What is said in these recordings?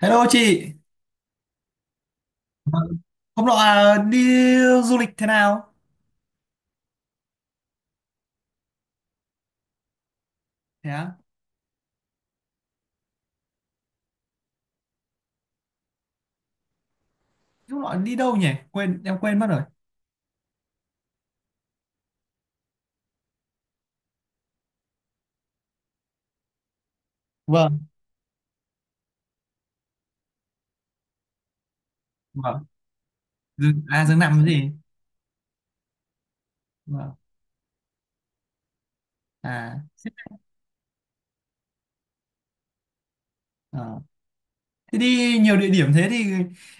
Hello chị. Vâng. Hôm nọ à, đi du lịch thế nào? Thế á. Hôm nọ đi đâu nhỉ? Em quên mất rồi. Vâng. Vâng. Dương, à, Dương nằm cái gì? Vâng. À, ờ. Thế đi nhiều địa điểm thế thì,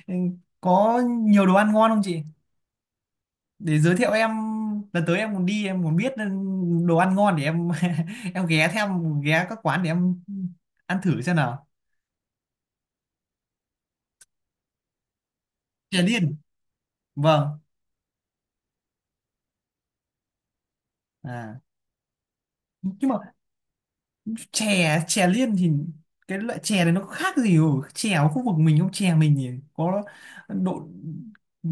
ừ, có nhiều đồ ăn ngon không chị? Để giới thiệu em, lần tới em muốn đi, em muốn biết, đồ ăn ngon để em em ghé theo, ghé các quán để em ăn thử xem nào. Chè điên. Vâng. À, nhưng mà chè chè liên thì cái loại chè này nó có khác gì ở chè ở khu vực mình không? Chè mình thì có độ,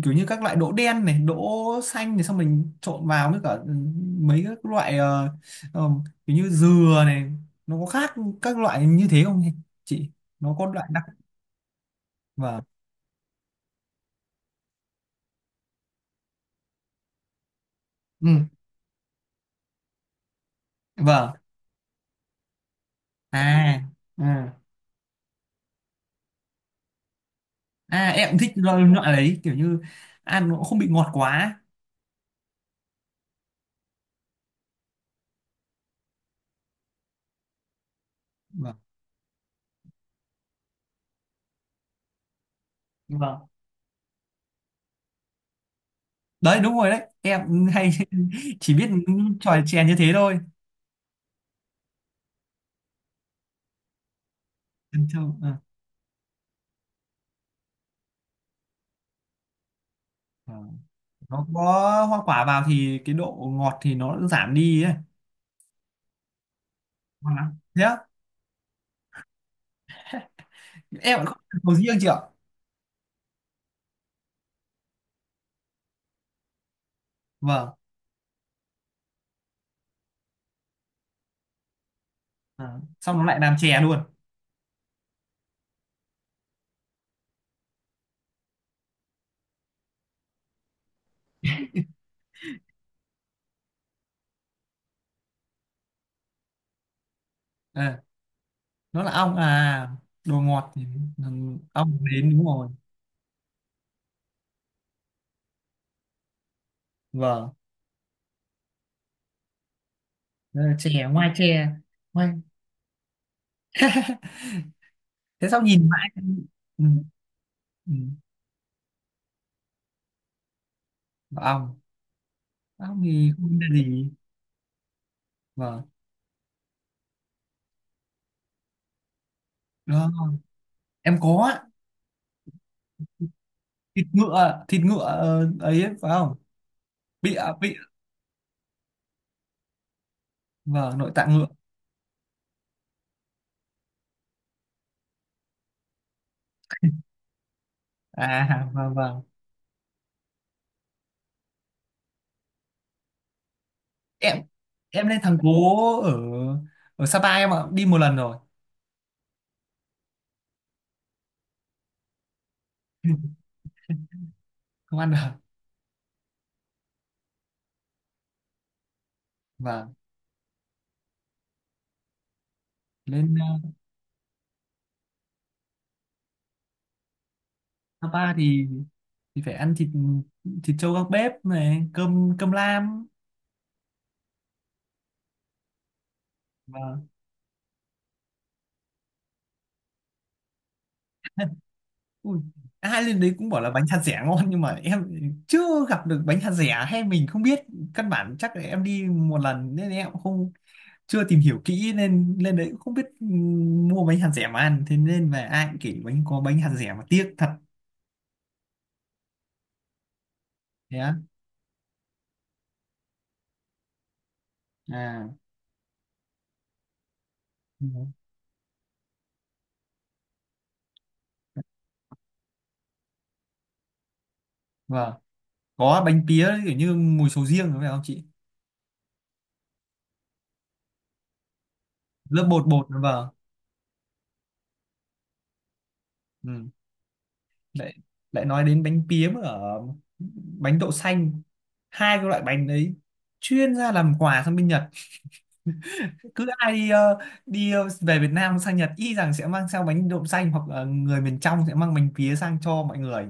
kiểu như các loại đỗ đen này, đỗ xanh này, xong mình trộn vào với cả, mấy các loại, ờ, kiểu như dừa này. Nó có khác các loại như thế không chị? Nó có loại đặc. Vâng. Ừ. Vâng. À. Ừ. À, em cũng thích loại đấy kiểu như ăn nó cũng không bị ngọt quá. Vâng. Vâng, đấy đúng rồi đấy, em hay chỉ biết những trò chè như thế thôi. Ăn châu à. À. Nó có hoa quả vào thì cái độ ngọt thì nó giảm đi ấy. Ngon lắm, thế á? Em lại không làm sầu riêng chị ạ. Vâng. À, xong nó lại làm chè luôn. À. Nó là ong à? Đồ ngọt thì là ong đến, đúng rồi. Vâng. Đó là chè ngoài, chè ngoài. Thế sao nhìn mãi. Ừ. Ừ. Ong, ong thì không ra gì. Vâng. Đó em có. Thịt ngựa, thịt ngựa, ấy, ấy phải không? Bịa bịa. Vâng, nội tạng ngựa à. Vâng. Vâng. Em em lên thằng cố ở ở Sapa em ạ, đi một lần rồi. Không ăn được. Vâng. Lên, Sapa thì phải ăn thịt thịt trâu gác bếp này, cơm cơm lam. Vâng. Ui, ai lên đấy cũng bảo là bánh hạt dẻ ngon nhưng mà em chưa gặp được bánh hạt dẻ, hay mình không biết, căn bản chắc là em đi một lần nên em cũng không, chưa tìm hiểu kỹ nên lên đấy cũng không biết, mua bánh hạt dẻ mà ăn, thế nên về ai cũng kể bánh có bánh hạt dẻ mà tiếc thật. Thế á? À. Ừ. Vâng, có bánh pía kiểu như mùi sầu riêng phải không chị? Lớp bột bột, vâng. Ừ. lại lại nói đến bánh pía mà ở, bánh đậu xanh, hai cái loại bánh đấy chuyên ra làm quà sang bên Nhật. Cứ ai đi về Việt Nam sang Nhật y rằng sẽ mang theo bánh đậu xanh hoặc là người miền trong sẽ mang bánh pía sang cho mọi người.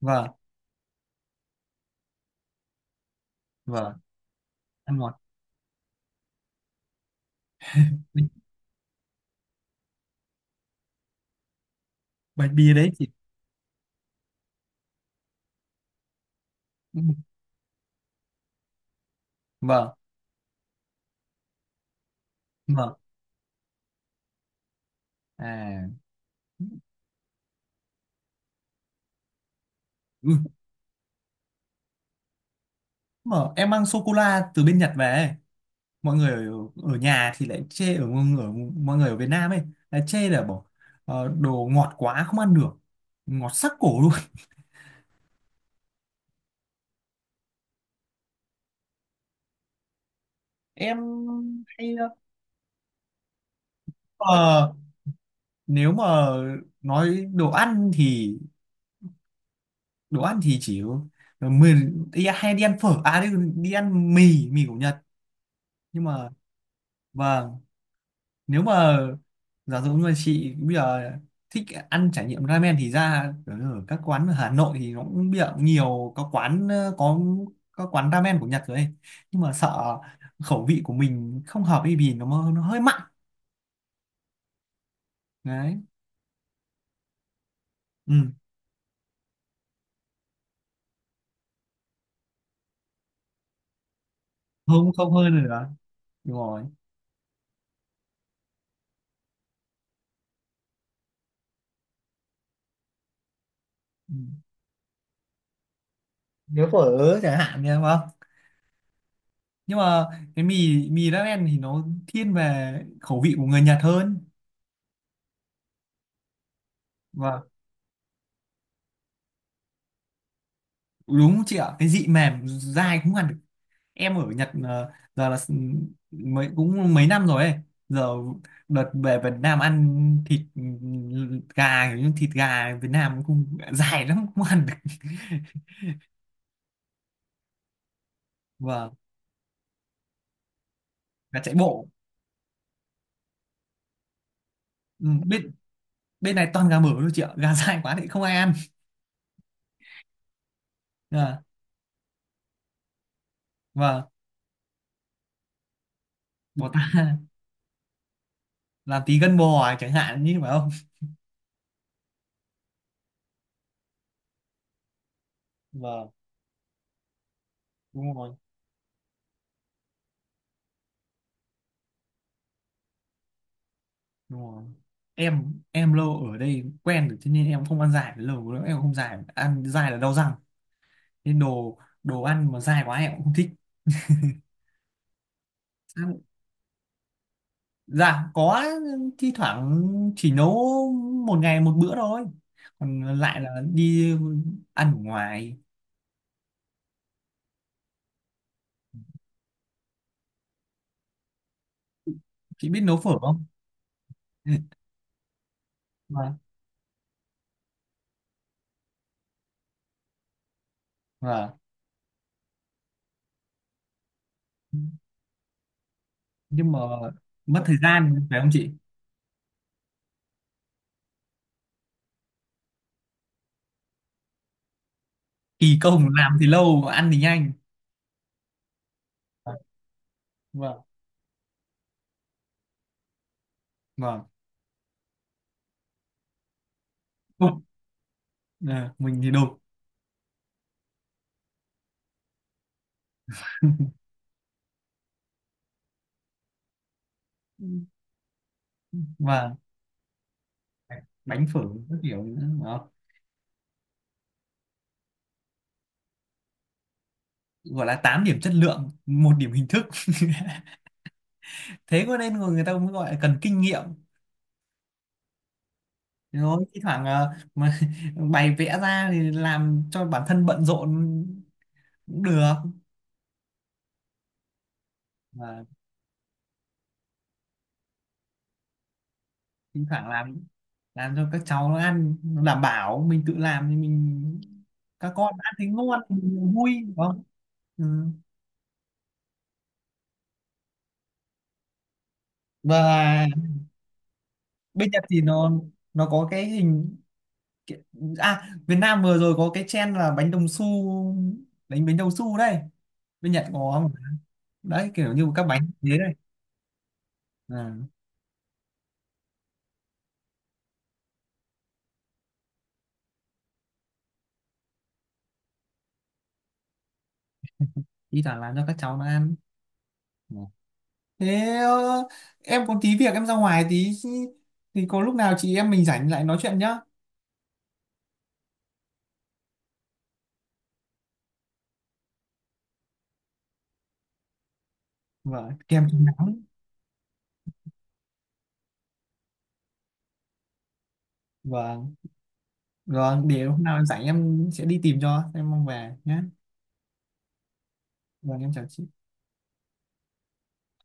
Vâng. Vâng, ăn ngon. Bạch bia đấy chị. Ừ. Vâng. Vâng. À. Ừ. Mà em mang sô cô la từ bên Nhật về ấy, mọi người ở nhà thì lại chê ở mọi người ở Việt Nam ấy, là chê là bỏ, đồ ngọt quá không ăn được, ngọt sắc cổ luôn. Em hay, ờ, nếu mà nói đồ ăn thì chỉ mình đi, hay đi ăn phở à, đi ăn mì mì của Nhật, nhưng mà, vâng, nếu mà giả dụ như mà chị bây giờ thích ăn trải nghiệm ramen thì ra ở ở các quán ở Hà Nội thì nó cũng bây giờ cũng nhiều, có quán, có quán ramen của Nhật rồi ấy. Nhưng mà sợ khẩu vị của mình không hợp ấy vì nó hơi mặn. Đấy. Ừ. Không, không hơn rồi đó, đúng rồi. Ừ. Nếu phở ớ chẳng hạn, nha, đúng không? Nhưng mà cái mì mì ramen thì nó thiên về khẩu vị của người Nhật hơn. Và đúng không chị ạ, cái vị mềm dai cũng ăn. Em ở Nhật, giờ là mới cũng mấy năm rồi ấy, giờ đợt về Việt Nam ăn thịt, gà, kiểu như thịt gà Việt Nam cũng dài lắm không ăn được và gà chạy bộ. Ừ, bên bên này toàn gà mở thôi chị ạ, gà dài quá thì không ai ăn. À. Và bỏ ta làm tí gân bò à, chẳng hạn như phải không? Vâng, đúng rồi, đúng rồi. Em lâu ở đây quen rồi cho nên em không ăn dài lâu lắm, em không dài, ăn dài là đau răng, nên đồ đồ ăn mà dai quá em cũng không thích. Ăn- dạ có, thi thoảng, chỉ nấu một ngày một bữa thôi, còn lại là đi ăn ở ngoài. Chị biết nấu phở không? Ừ. Vâng. Vâng, nhưng mà mất thời gian phải không chị? Kỳ công làm thì lâu, ăn thì nhanh. Vâng. Vâng. Vâng. Không, ờ, mình thì đồ và bánh phở các kiểu nữa đúng không? Gọi là 8 điểm chất lượng, một điểm hình thức thế có nên người người ta mới gọi là cần kinh nghiệm. Rồi thi thoảng, mà bày vẽ ra thì làm cho bản thân bận rộn cũng được. Và thi thoảng làm cho các cháu nó ăn, nó đảm bảo mình tự làm thì mình, các con ăn thấy ngon mình vui, đúng không? Ừ. Và bên Nhật thì nó có cái hình, cái- à, Việt Nam vừa rồi có cái trend là bánh đồng xu, đánh bánh đồng xu đây, bên Nhật có không? Đấy kiểu như các bánh như thế đây. À. Thi thoảng làm cho các cháu nó ăn. Ừ. Thế, em có tí việc, em ra ngoài tí thì có lúc nào chị em mình rảnh lại nói chuyện nhá. Vâng, kèm chống nắng. Vâng, rồi để hôm nào em rảnh em sẽ đi tìm cho, em mong về nhé. Vâng, em chào chị.